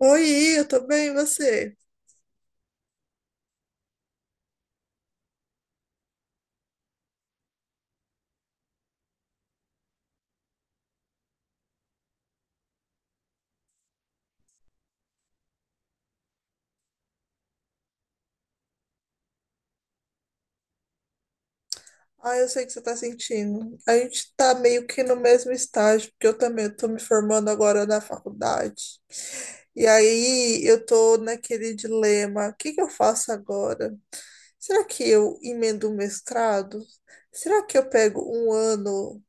Oi, eu tô bem, e você? Ah, eu sei o que você tá sentindo. A gente tá meio que no mesmo estágio, porque eu também tô me formando agora na faculdade. E aí eu tô naquele dilema, o que que eu faço agora? Será que eu emendo um mestrado? Será que eu pego um ano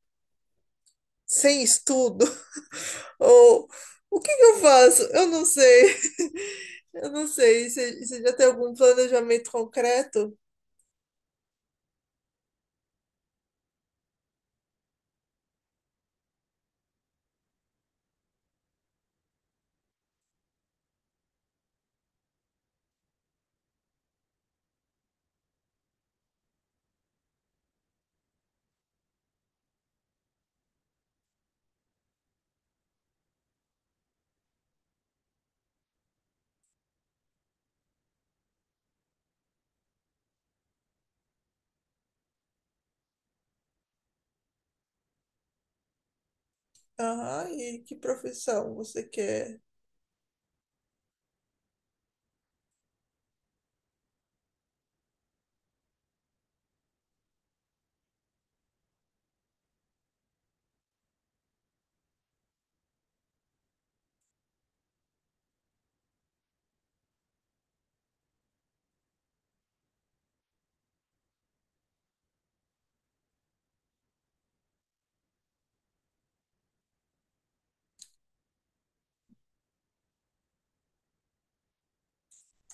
sem estudo? Ou o que que eu faço? Eu não sei. Eu não sei. Você já tem algum planejamento concreto? Aham, e que profissão você quer?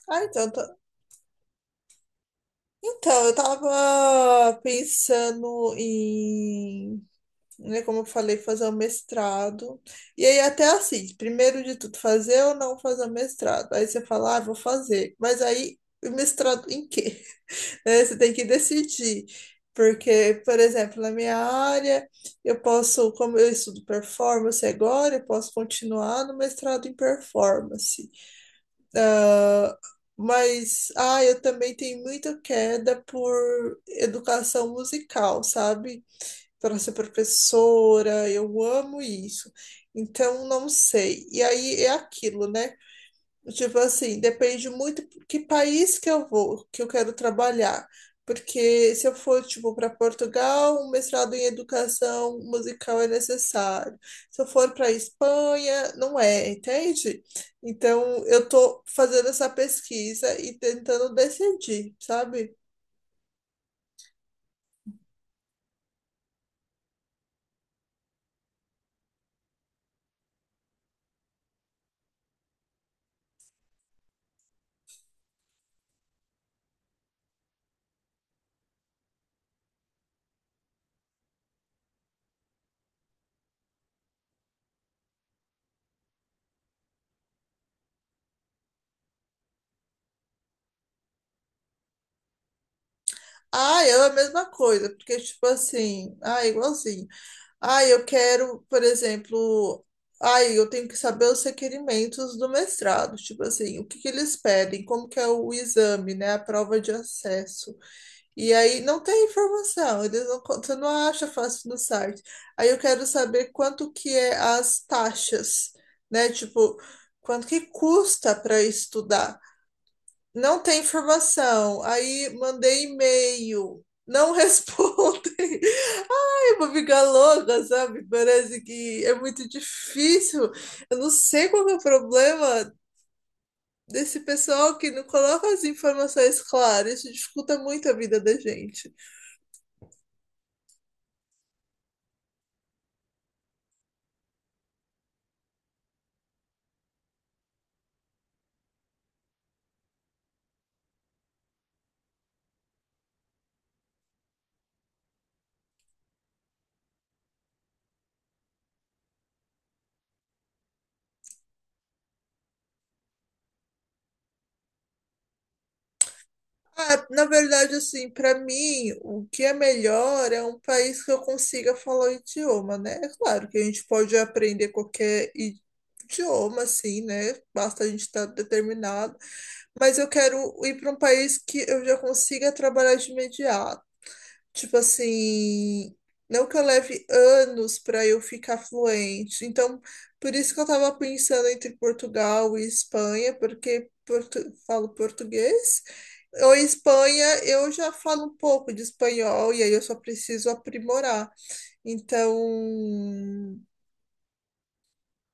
Ah, então, então eu tava pensando em, né, como eu falei, fazer um mestrado. E aí até assim, primeiro de tudo, fazer ou não fazer o mestrado. Aí você fala, ah, vou fazer. Mas aí, o mestrado em quê? Né, você tem que decidir. Porque, por exemplo, na minha área, eu posso, como eu estudo performance agora, eu posso continuar no mestrado em performance. Ah, mas, ah, eu também tenho muita queda por educação musical, sabe? Para ser professora, eu amo isso. Então, não sei. E aí é aquilo, né? Tipo assim, depende muito que país que eu vou, que eu quero trabalhar. Porque se eu for, tipo, para Portugal, um mestrado em educação musical é necessário. Se eu for para Espanha, não é, entende? Então, eu tô fazendo essa pesquisa e tentando decidir, sabe? Ah, eu a mesma coisa, porque, tipo assim, ah, igualzinho. Ai, eu quero, por exemplo, ai, eu tenho que saber os requerimentos do mestrado, tipo assim, o que que eles pedem, como que é o exame, né, a prova de acesso. E aí não tem informação, eles você não acha fácil no site. Aí eu quero saber quanto que é as taxas, né, tipo, quanto que custa para estudar. Não tem informação. Aí mandei e-mail, não respondem. Vou ficar louca, sabe? Parece que é muito difícil. Eu não sei qual que é o problema desse pessoal que não coloca as informações claras. Isso dificulta muito a vida da gente. Ah, na verdade, assim, para mim, o que é melhor é um país que eu consiga falar o idioma, né? É claro que a gente pode aprender idioma, assim, né? Basta a gente estar determinado. Mas eu quero ir para um país que eu já consiga trabalhar de imediato. Tipo assim, não que eu leve anos para eu ficar fluente. Então, por isso que eu tava pensando entre Portugal e Espanha, porque falo português. Ou Espanha, eu já falo um pouco de espanhol e aí eu só preciso aprimorar. Então,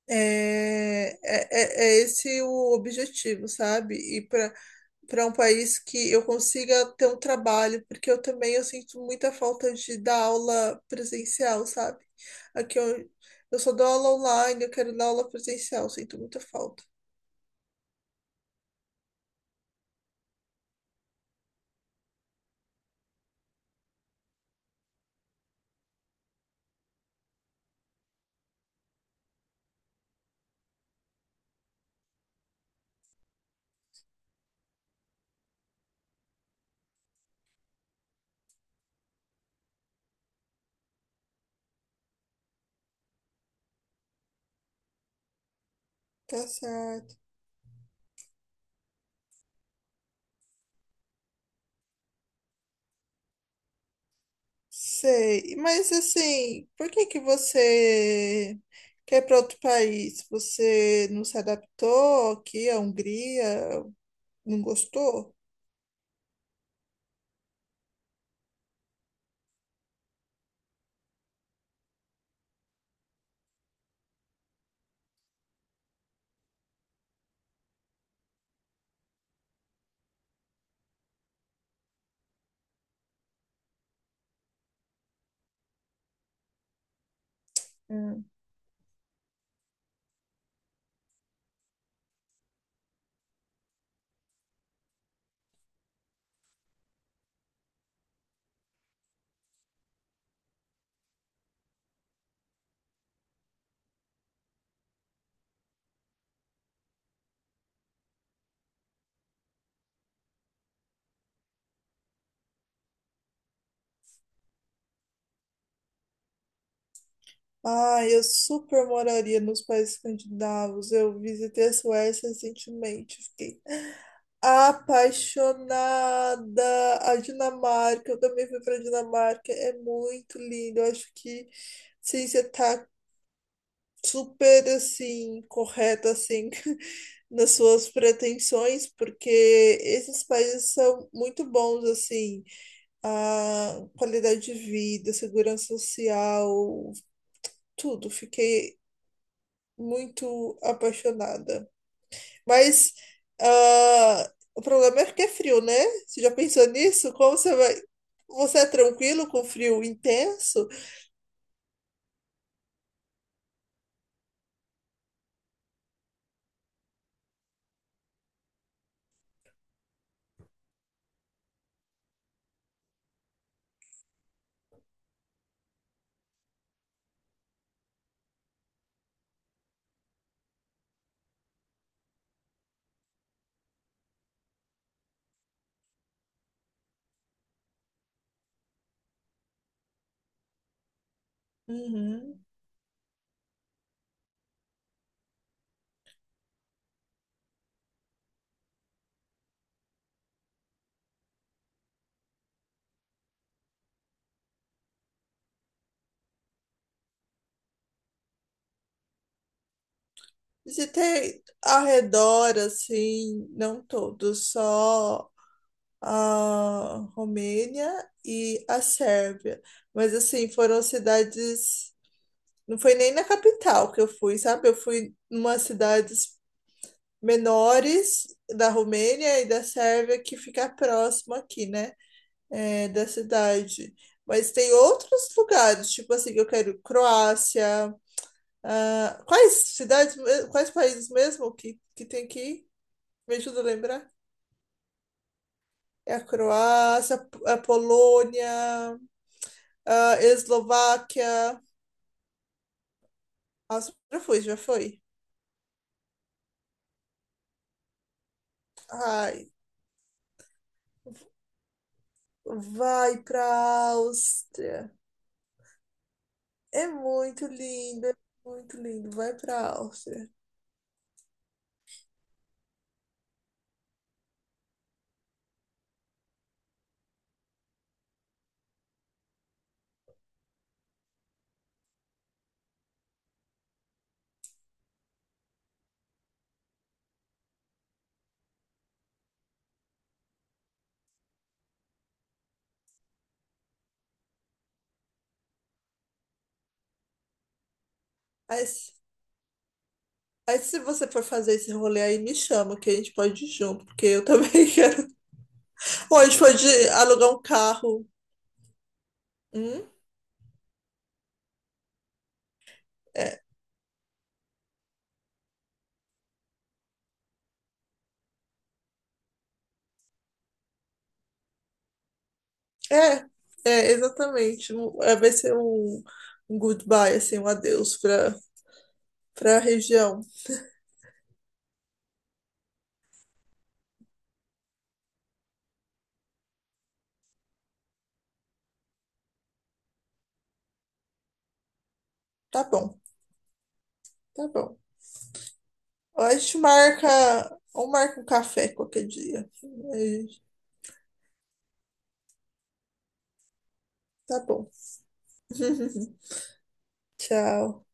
é esse o objetivo, sabe? E para um país que eu consiga ter um trabalho, porque eu também eu sinto muita falta de dar aula presencial, sabe? Aqui eu, eu só dou aula online, eu quero dar aula presencial, sinto muita falta. Tá certo. Sei, mas assim, por que que você quer ir para outro país? Você não se adaptou aqui à Hungria? Não gostou? Ah, eu super moraria nos países escandinavos. Eu visitei a Suécia recentemente, fiquei apaixonada. A Dinamarca, eu também fui pra Dinamarca, é muito lindo. Eu acho que sim, você tá super assim, correta assim nas suas pretensões, porque esses países são muito bons assim, a qualidade de vida, segurança social, tudo. Fiquei muito apaixonada. Mas ah, o problema é que é frio, né? Você já pensou nisso? Como você vai. Você é tranquilo com frio intenso? Uhum. Você tem arredor, assim, não todo, só a Romênia e a Sérvia. Mas, assim, foram cidades. Não foi nem na capital que eu fui, sabe? Eu fui numa cidade menores da Romênia e da Sérvia que fica próximo aqui, né? É, da cidade. Mas tem outros lugares, tipo assim, eu quero Croácia. Ah, quais quais países mesmo que tem aqui? Me ajuda a lembrar. É a Croácia, a Polônia, a Eslováquia. Nossa, já foi. Ai, vai pra Áustria. É muito lindo, é muito lindo. Vai pra Áustria. Aí, se aí se você for fazer esse rolê aí, me chama, que a gente pode ir junto, porque eu também quero. Ou a gente pode alugar um carro. Hum? É, é, exatamente. Vai ser um, um goodbye, assim, um adeus para a região. Tá bom, tá bom. Ou a gente marca, ou marca um café qualquer dia. Aí, tá bom. Tchau.